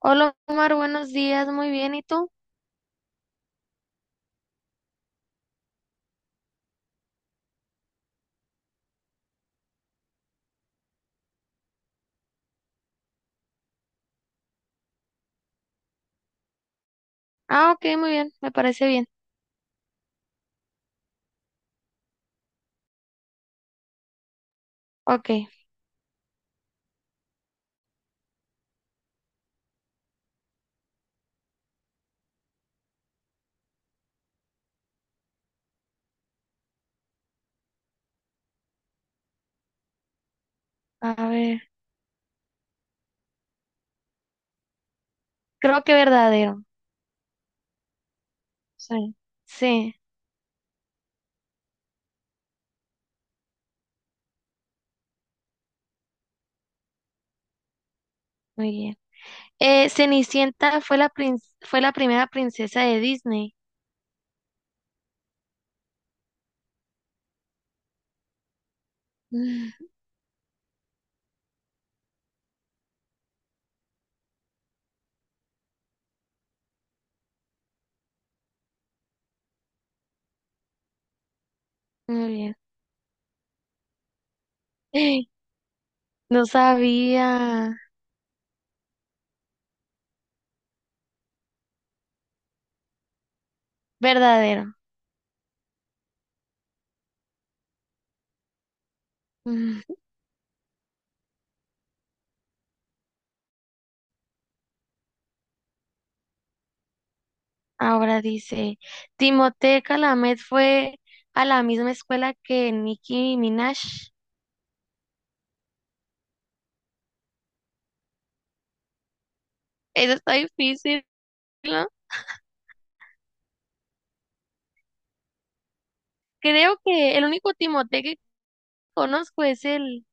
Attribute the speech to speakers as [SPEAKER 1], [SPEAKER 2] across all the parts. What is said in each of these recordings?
[SPEAKER 1] Hola Omar, buenos días, muy bien, ¿y tú? Ah, ok, muy bien, me parece bien. Ok, a ver, creo que verdadero. Sí. Sí, muy bien. Cenicienta fue la fue la primera princesa de Disney. Mm, muy bien. No sabía. Verdadero. Mm, Ahora dice, Timothée Chalamet fue a la misma escuela que Nicki Minaj. Eso está difícil, ¿no? Creo que el único Timothée que conozco es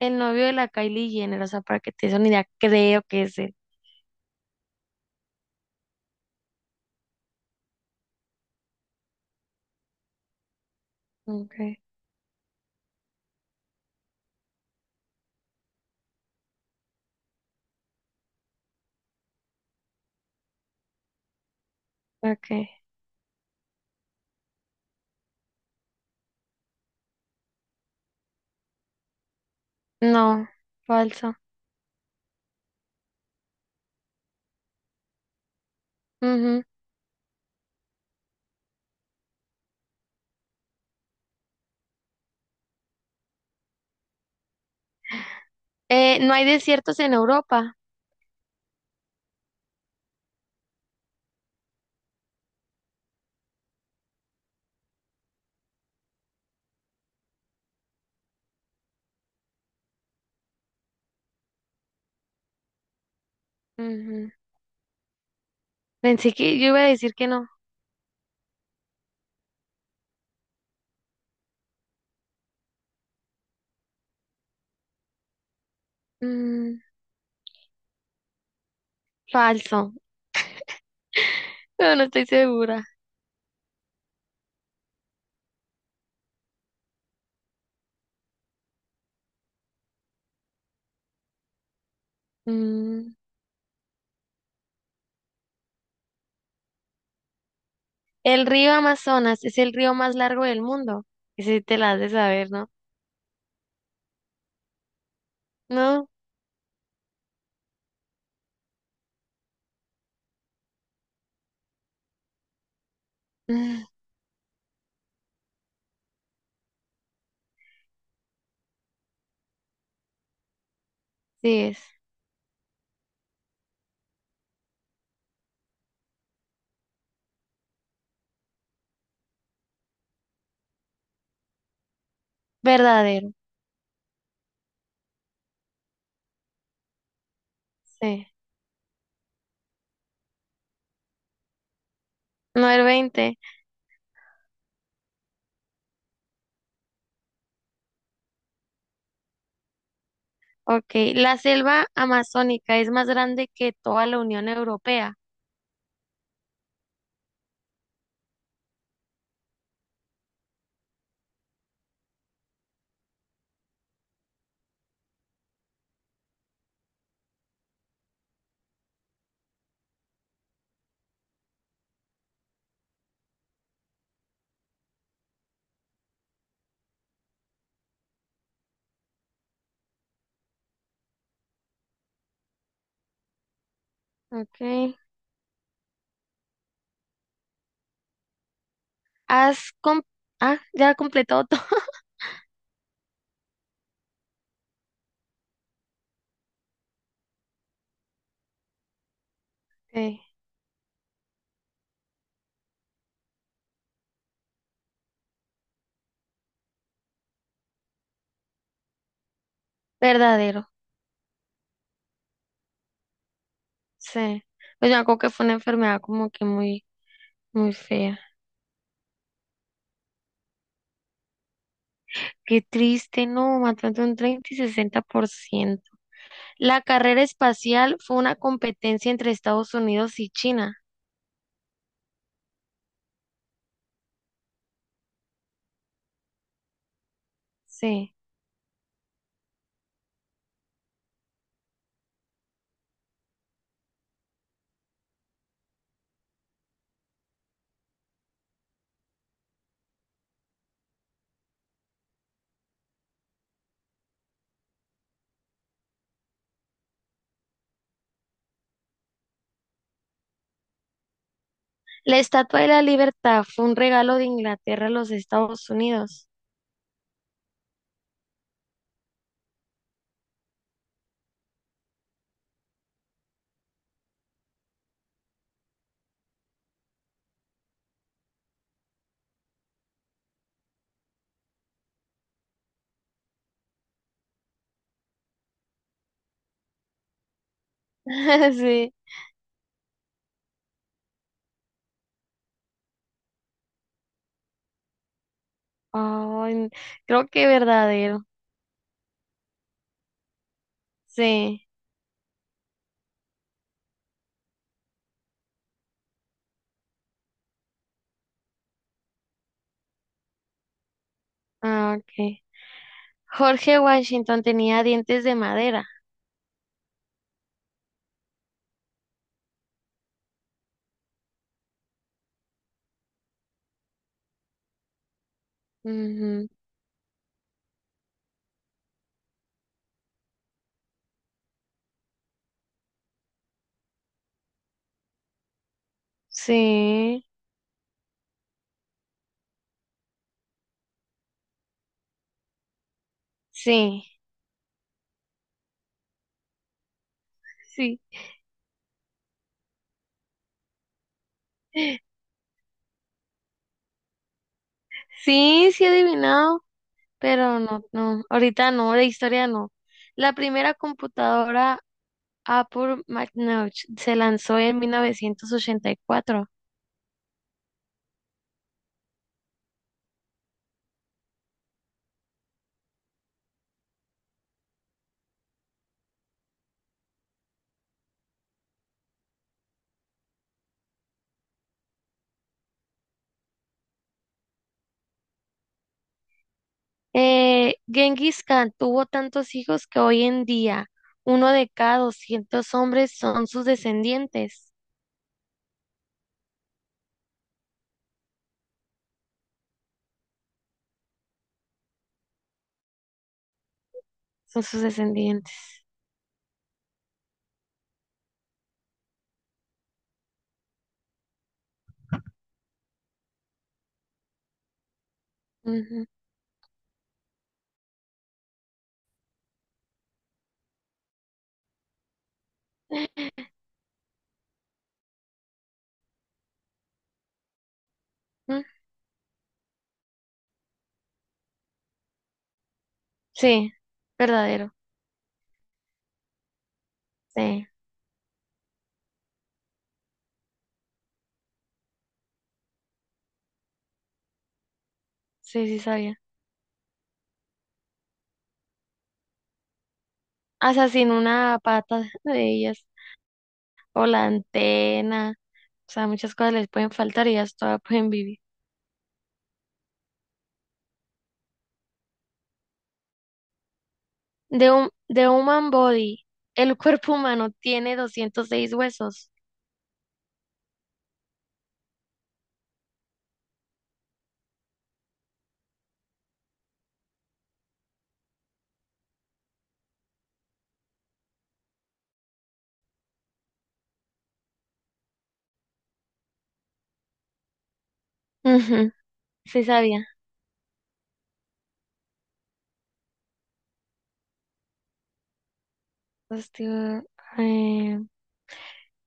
[SPEAKER 1] el novio de la Kylie Jenner, o sea, para que te des una idea, creo que es él. Okay. Okay. No, falso. Ujú. No hay desiertos en Europa. Ujú. Pensé que yo iba a decir que no. Mm, falso, pero no estoy segura. Mm. El río Amazonas es el río más largo del mundo. Ese te la has de saber, ¿no? No. Mm, sí es. Verdadero, sí. No el 20. Ok, la selva amazónica es más grande que toda la Unión Europea. Ok, has com- ah, ya completado todo. Ok, verdadero, sí. Pues yo me acuerdo que fue una enfermedad como que muy fea. Qué triste, no, mató entre un 30 y 60%. La carrera espacial fue una competencia entre Estados Unidos y China. Sí. La Estatua de la Libertad fue un regalo de Inglaterra a los Estados Unidos. Sí. Oh, creo que verdadero. Sí. Ah, ok. Jorge Washington tenía dientes de madera. Ujú. Sí, sí, sí. Sí, sí he adivinado, pero no. Ahorita no, de historia no. La primera computadora Apple Macintosh se lanzó en 1984. Genghis Khan tuvo tantos hijos que hoy en día uno de cada 200 hombres son sus descendientes. Ujú. Mm, Sí, verdadero. Sí, sí sabía. Hasta sin una pata de ellas o la antena. O sea, muchas cosas les pueden faltar y ellas todavía pueden vivir. De un de human body, el cuerpo humano tiene 206 huesos. Ujú, sí sabía. Hostia, eh,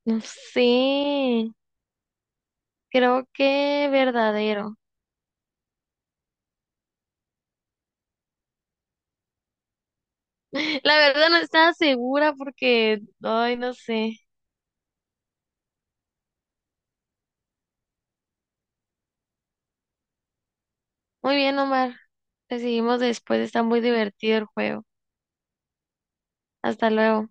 [SPEAKER 1] no sé. Creo que verdadero. La verdad no estaba segura porque, ay, no sé. Muy bien, Omar. Te seguimos después, está muy divertido el juego. Hasta luego.